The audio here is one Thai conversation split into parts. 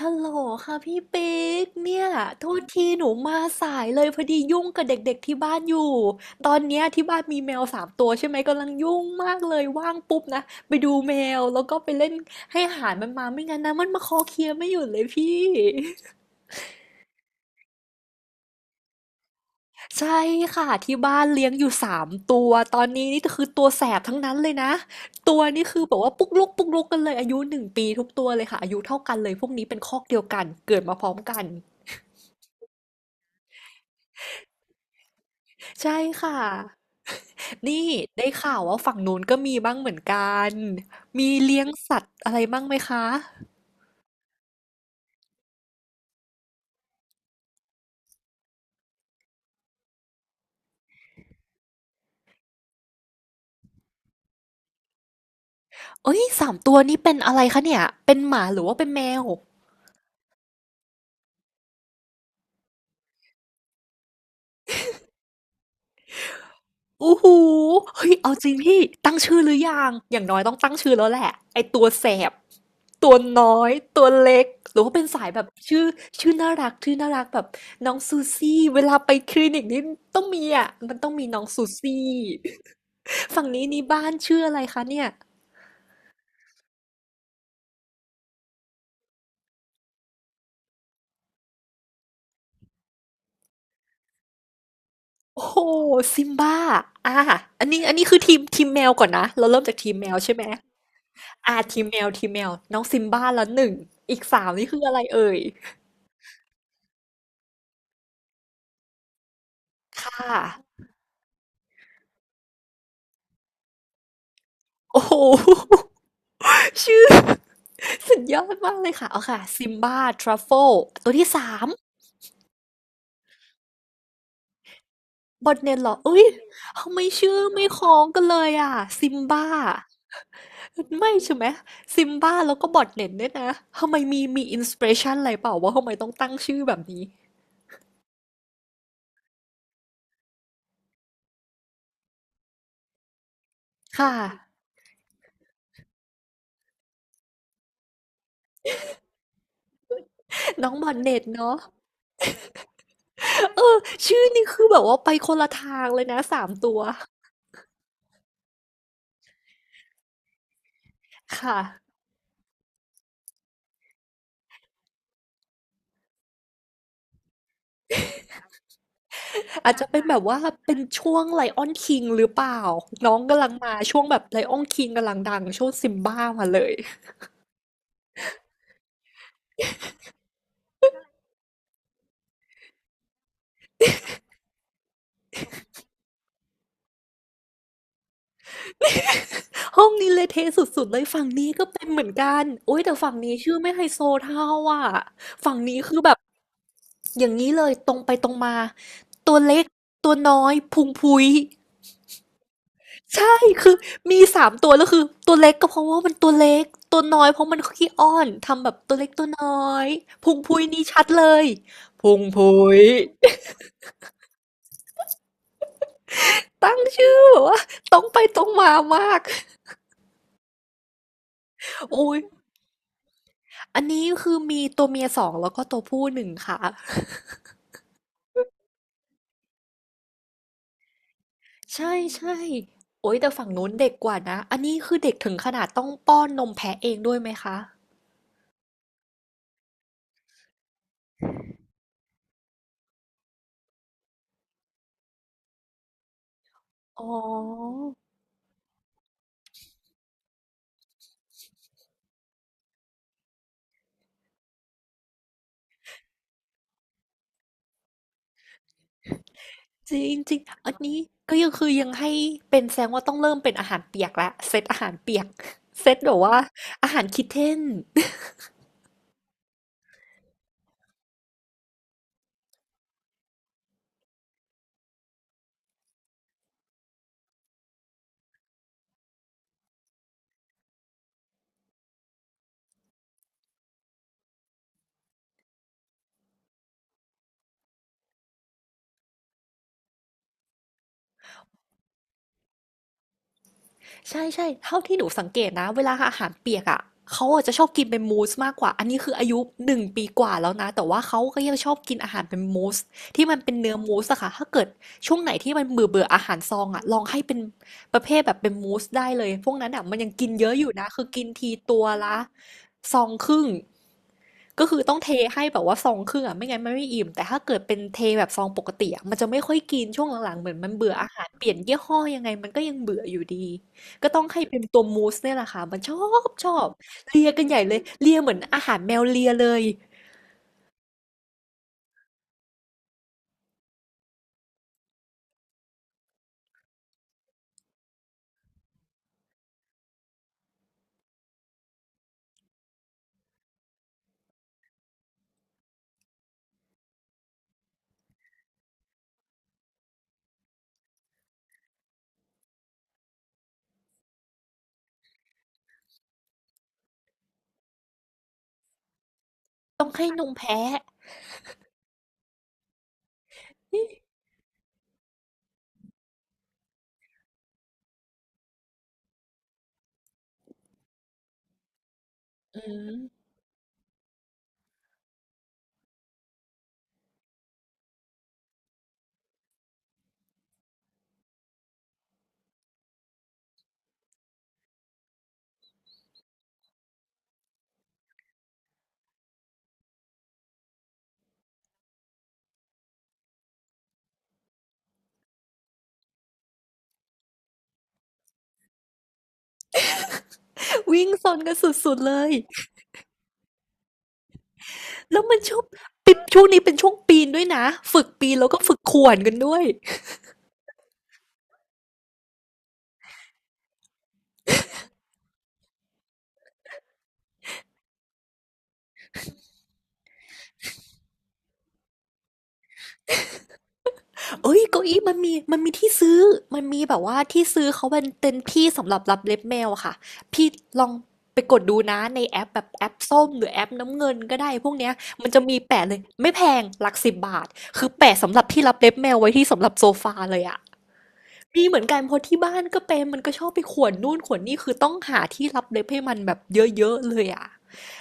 ฮัลโหลค่ะพี่ปิ๊กเนี่ยโทษทีหนูมาสายเลยพอดียุ่งกับเด็กๆที่บ้านอยู่ตอนเนี้ยที่บ้านมีแมวสามตัวใช่ไหมกำลังยุ่งมากเลยว่างปุ๊บนะไปดูแมวแล้วก็ไปเล่นให้อาหารมันมาไม่งั้นนะมันมาคอเคลียร์ไม่หยุดเลยพี่ใช่ค่ะที่บ้านเลี้ยงอยู่สามตัวตอนนี้นี่คือตัวแสบทั้งนั้นเลยนะตัวนี่คือแบบว่าปุ๊กลุกปุ๊กลุกกันเลยอายุหนึ่งปีทุกตัวเลยค่ะอายุเท่ากันเลยพวกนี้เป็นคอกเดียวกันเกิดมาพร้อมกัน ใช่ค่ะ นี่ได้ข่าวว่าฝั่งนู้นก็มีบ้างเหมือนกัน มีเลี้ยงสัตว์อะไรบ้างไหมคะเอ้ย3 ตัวนี้เป็นอะไรคะเนี่ย เป็นหมาหรือว่าเป็นแมวอู้หูเฮ้ยเอาจริงพี่ตั้งชื่อหรือยังอย่างน้อยต้องตั้งชื่อแล้วแหละไอตัวแสบตัวน้อย ตัวเล็ก หรือว่าเป็นสายแบบชื่อชื่อน่ารักชื่อน่ารักแบบน้องซูซี่ เวลาไปคลินิกนี่ต้องมีอ่ะมันต้องมีน้องซูซี่ฝั่งนี้นี่บ้านชื่ออะไรคะเนี่ย โอ้โหซิมบ้าอ่าอันนี้อันนี้คือทีมแมวก่อนนะเราเริ่มจากทีมแมวใช่ไหมอ่าทีมแมวทีมแมวน้องซิมบ้าแลวหนึ่งอีกสามนี่คืออะไรเอ่ยค่ะโอ้โฮ ชื่อ สุดยอดมากเลยค่ะเอาค่ะซิมบ้าทรัฟเฟิลตัวที่สามบอทเนนเหรอเอ้ยทำไมชื่อไม่คล้องกันเลยอ่ะซิมบ้าไม่ใช่ไหมซิมบ้าแล้วก็บอทเนนด้วยนะทำไมมีอินสปิเรชันอะไรเปล่าว่าทำไมต้องตั้งชื่อแบบนี้ค่ะ น้องบอนเน็ตเนาะเออชื่อนี่คือแบบว่าไปคนละทางเลยนะสามตัวค่ะอาจจะเป็นแบบว่าเป็นช่วงไลออนคิงหรือเปล่าน้องกำลังมาช่วงแบบไลออนคิงกำลังดังช่วงซิมบ้ามาเลยห้องนี้เละเทะสุดๆเลยฝั่งนี้ก็เป็นเหมือนกันโอ้ยแต่ฝั่งนี้ชื่อไม่ไฮโซเท่าอ่ะฝั่งนี้คือแบบอย่างนี้เลยตรงไปตรงมาตัวเล็กตัวน้อยพุงพุ้ย ใช่คือมีสามตัวแล้วคือตัวเล็กก็เพราะว่ามันตัวเล็กตัวน้อยเพราะมันขี้อ้อนทำแบบตัวเล็กตัวน้อยพุงพุยนี่ชัดเลยพุงพุยตั้งชื่อแบบว่าตรงไปตรงมามากโอ้ยอันนี้คือมีตัวเมีย2แล้วก็ตัวผู้หนึ่งค่ะใช่ใช่โอ้ยแต่ฝั่งนู้นเด็กกว่านะอันนี้คือเด็กถึงขนาดต้องป้อนนมแพะเองด้วยไหมคะอ๋อ จริงจริงอันนี้ก็ยังคือยังให้เป็นแสดงว่าต้องเริ่มเป็นอาหารเปียกละเซตอาหารเปียก เซตแบบว่าอาหารคิดเทน ใช่ใช่เท่าที่หนูสังเกตนะเวลาอาหารเปียกอ่ะเขาอาจจะชอบกินเป็นมูสมากกว่าอันนี้คืออายุหนึ่งปีกว่าแล้วนะแต่ว่าเขาก็ยังชอบกินอาหารเป็นมูสที่มันเป็นเนื้อมูสอะค่ะถ้าเกิดช่วงไหนที่มันเบื่อเบื่ออาหารซองอะลองให้เป็นประเภทแบบเป็นมูสได้เลยพวกนั้นอะมันยังกินเยอะอยู่นะคือกินทีตัวละซองครึ่ง ก็คือต้องเทให้แบบว่า1 ซองครึ่งอ่ะไม่งั้นมันไม่อิ่มแต่ถ้าเกิดเป็นเทแบบซองปกติอะมันจะไม่ค่อยกินช่วงหลังๆเหมือนมันเบื่ออาหารเปลี่ยนยี่ห้อยังไงมันก็ยังเบื่ออยู่ดีก็ต้องให้เป็นตัวมูสเนี่ยแหละค่ะมันชอบเลียกันใหญ่เลยเลียเหมือนอาหารแมวเลียเลยต้องให้นมแพะอืมวิ่งซนกันสุดๆเลยแล้วมันชอบปิดช่วงนี้เป็นช่วงปีนด้วยนะฝึกปีนแล้วก็ฝึกข่วนกันด้วย เอ้ยเก้าอี้มันมีมีที่ซื้อ มันมีแบบว่าที่ซื้อเขาเป็นเต็นที่สำหรับรับเล็บแมวอะค่ะ พี่ลองไปกดดูนะในแอปแบบแอปส้มหรือแอปน้ำเงินก็ได้พวกเนี้ยมันจะมีแปะเลยไม่แพงหลัก10 บาทคือแปะสำหรับที่รับเล็บแมวไว้ที่สำหรับโซฟาเลยอะ มีเหมือนกันเพราะที่บ้านก็เป็นมันก็ชอบไปข่วนนู่นข่วนนี่คือต้องหาที่รับเล็บให้มันแบบเยอะๆเลยอะ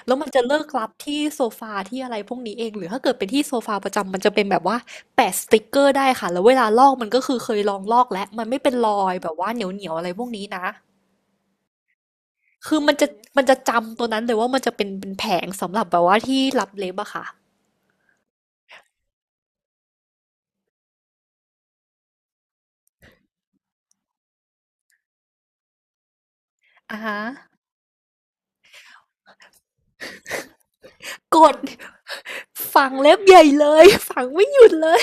แล้วมันจะเลิกรับที่โซฟาที่อะไรพวกนี้เองหรือถ้าเกิดเป็นที่โซฟาประจำมันจะเป็นแบบว่าแปะสติกเกอร์ได้ค่ะแล้วเวลาลอกมันก็คือเคยลองลอกแล้วมันไม่เป็นรอยแบบว่าเหนียวๆอะไรพวกนี้นะคือมันจะจำตัวนั้นเลยว่ามันจะเป็นแผงสำหรับแบบว่าที่รับเล็บอะค่ะอ่ฮะกด ฝังเล็บใหญ่เลยฝังไม่หยุดเลย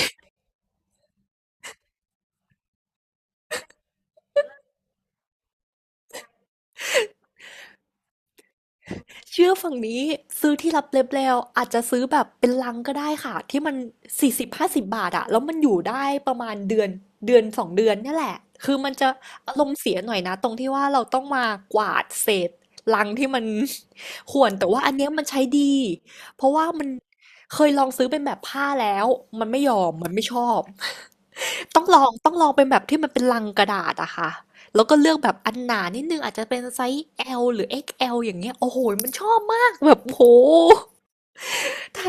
เชื่อฝั่งนี้ซื้อที่รับเล็บแล้วอาจจะซื้อแบบเป็นลังก็ได้ค่ะที่มัน40-50 บาทอะแล้วมันอยู่ได้ประมาณเดือนเดือนสองเดือนเนี่ยแหละคือมันจะอารมณ์เสียหน่อยนะตรงที่ว่าเราต้องมากวาดเศษลังที่มัน ข่วนแต่ว่าอันเนี้ยมันใช้ดีเพราะว่ามันเคยลองซื้อเป็นแบบผ้าแล้วมันไม่ยอมมันไม่ชอบ ต้องลองเป็นแบบที่มันเป็นลังกระดาษอะค่ะ แล้วก็เลือกแบบอันหนานิดนึงอาจจะเป็นไซส์ L หรือ XL อกซ์แอลอย่างเงี้ยโอ้โหมันชอบมากแบบโหได้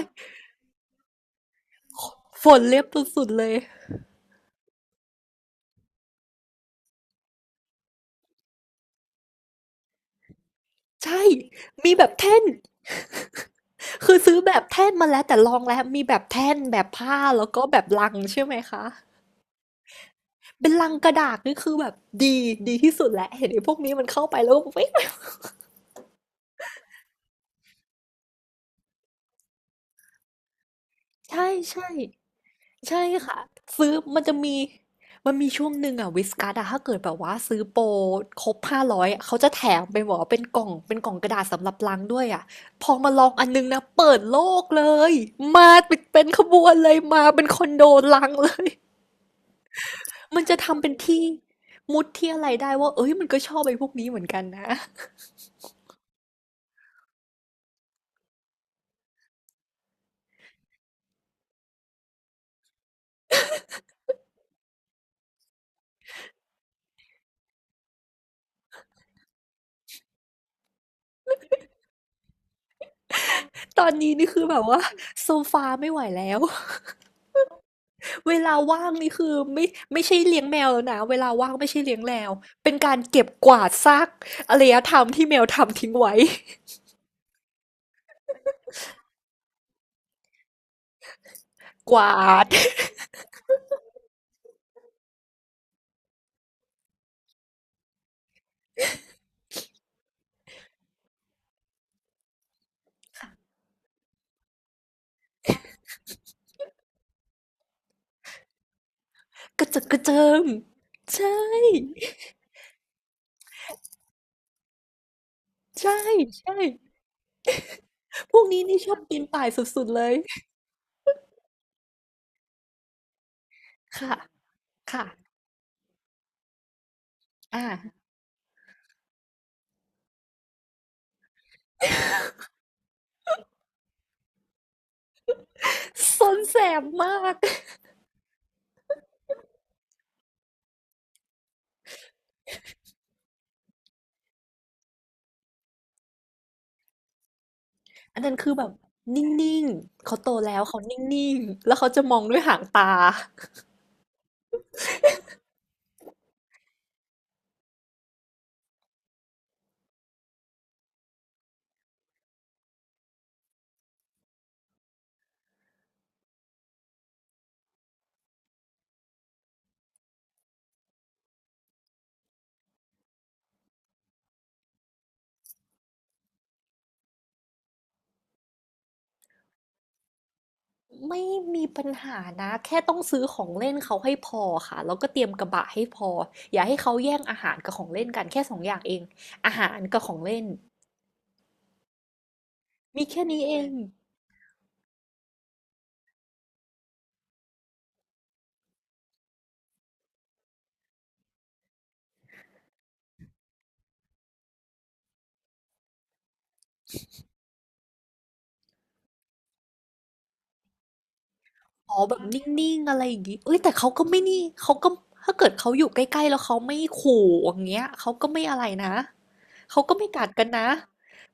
ฝนเล็บสุดๆเลยใช่มีแบบแท่นคือซื้อแบบแท่นมาแล้วแต่ลองแล้วมีแบบแท่นแบบผ้าแล้วก็แบบลังใช่ไหมคะเป็นลังกระดาษนี่คือแบบดีดีที่สุดแล้วเห็นไอ้พวกนี้มันเข้าไปแล้วก็เว้ยใช่ใช่ ใช่ค่ะซื้อมันจะมีมันมีช่วงหนึ่งอะวิสกัสอะถ้าเกิดแบบว่าซื้อโปรครบ500เขาจะแถมเป็นแว่าเป็นกล่องเป็นกล่องกระดาษสำหรับล้างด้วยอะพอมาลองอันนึงนะเปิดโลกเลยมาเป็นขบวนเลยมาเป็นคอนโดลังเลยมันจะทำเป็นที่มุดที่อะไรได้ว่าเอ้ยมันก็ชอบไอ้พวกนี้เหมือนกันนะตอนนี้นี่คือแบบว่าโซฟาไม่ไหวแล้ว เวลาว่างนี่คือไม่ใช่เลี้ยงแมวแล้วนะเวลาว่างไม่ใช่เลี้ยงแมวเป็นการเก็บกวาดซากอารยธรรมที่แมวทำทิ้งไว้ กวาด กระเจิดกระเจิงใช่ใช่ใช่พวกนี้นี่ชอบปีนป่ายสุดๆเลยค่ะค่ะอ่าซนแสบมากอันนั้นคือแบบนิ่งๆเขาโตแล้วเขานิ่งๆแล้วเขาจะมองด้วยหางตา ไม่มีปัญหานะแค่ต้องซื้อของเล่นเขาให้พอค่ะแล้วก็เตรียมกระบะให้พออย่าให้เขาแย่งอาหารกับของเล่นกันแค่สองอย่างเองอาหารกับของเล่นมีแค่นี้เองอ๋อแบบนิ่งๆอะไรอย่างงี้เอ้ยแต่เขาก็ไม่นี่เขาก็ถ้าเกิดเขาอยู่ใกล้ๆแล้วเขาไม่ขู่อย่างเงี้ยเขาก็ไม่อะไรนะเขาก็ไม่กัดกันนะ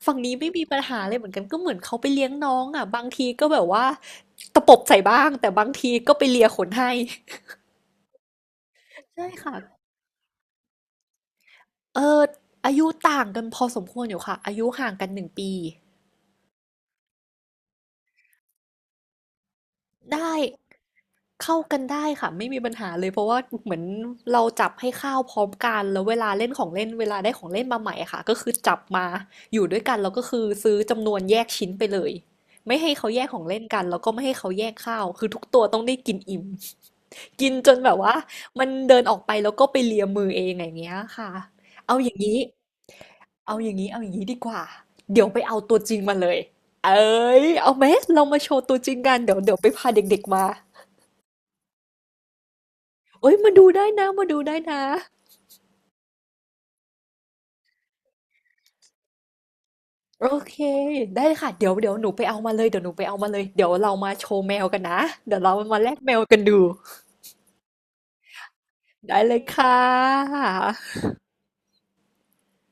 ฝั่งนี้ไม่มีปัญหาเลยเหมือนกันก็เหมือนเขาไปเลี้ยงน้องอ่ะบางทีก็แบบว่าตะปบใส่บ้างแต่บางทีก็ไปเลียขนให้ใช่ค่ะ เอออายุต่างกันพอสมควรอยู่ค่ะอายุห่างกัน1 ปีได้เข้ากันได้ค่ะไม่มีปัญหาเลยเพราะว่าเหมือนเราจับให้ข้าวพร้อมกันแล้วเวลาเล่นของเล่นเวลาได้ของเล่นมาใหม่อะค่ะก็คือจับมาอยู่ด้วยกันแล้วก็คือซื้อจำนวนแยกชิ้นไปเลยไม่ให้เขาแยกของเล่นกันแล้วก็ไม่ให้เขาแยกข้าวคือทุกตัวต้องได้กินอิ่มกินจนแบบว่ามันเดินออกไปแล้วก็ไปเลียมือเองอย่างเงี้ยค่ะเอาอย่างนี้ เอาอย่างนี้ดีกว่า เดี๋ยวไปเอาตัวจริงมาเลย เอ้ยเอาไหมเรามาโชว์ตัวจริงกันเดี๋ยวไปพาเด็กๆมาเอ้ยมาดูได้นะโอเคได้เลยค่ะเดี๋ยวหนูไปเอามาเลยเดี๋ยวหนูไปเอามาเลยเดี๋ยวเรามาโชว์แมวกันนะเดี๋ยวเรามาแลกแมวกันดู ได้เลยค่ะ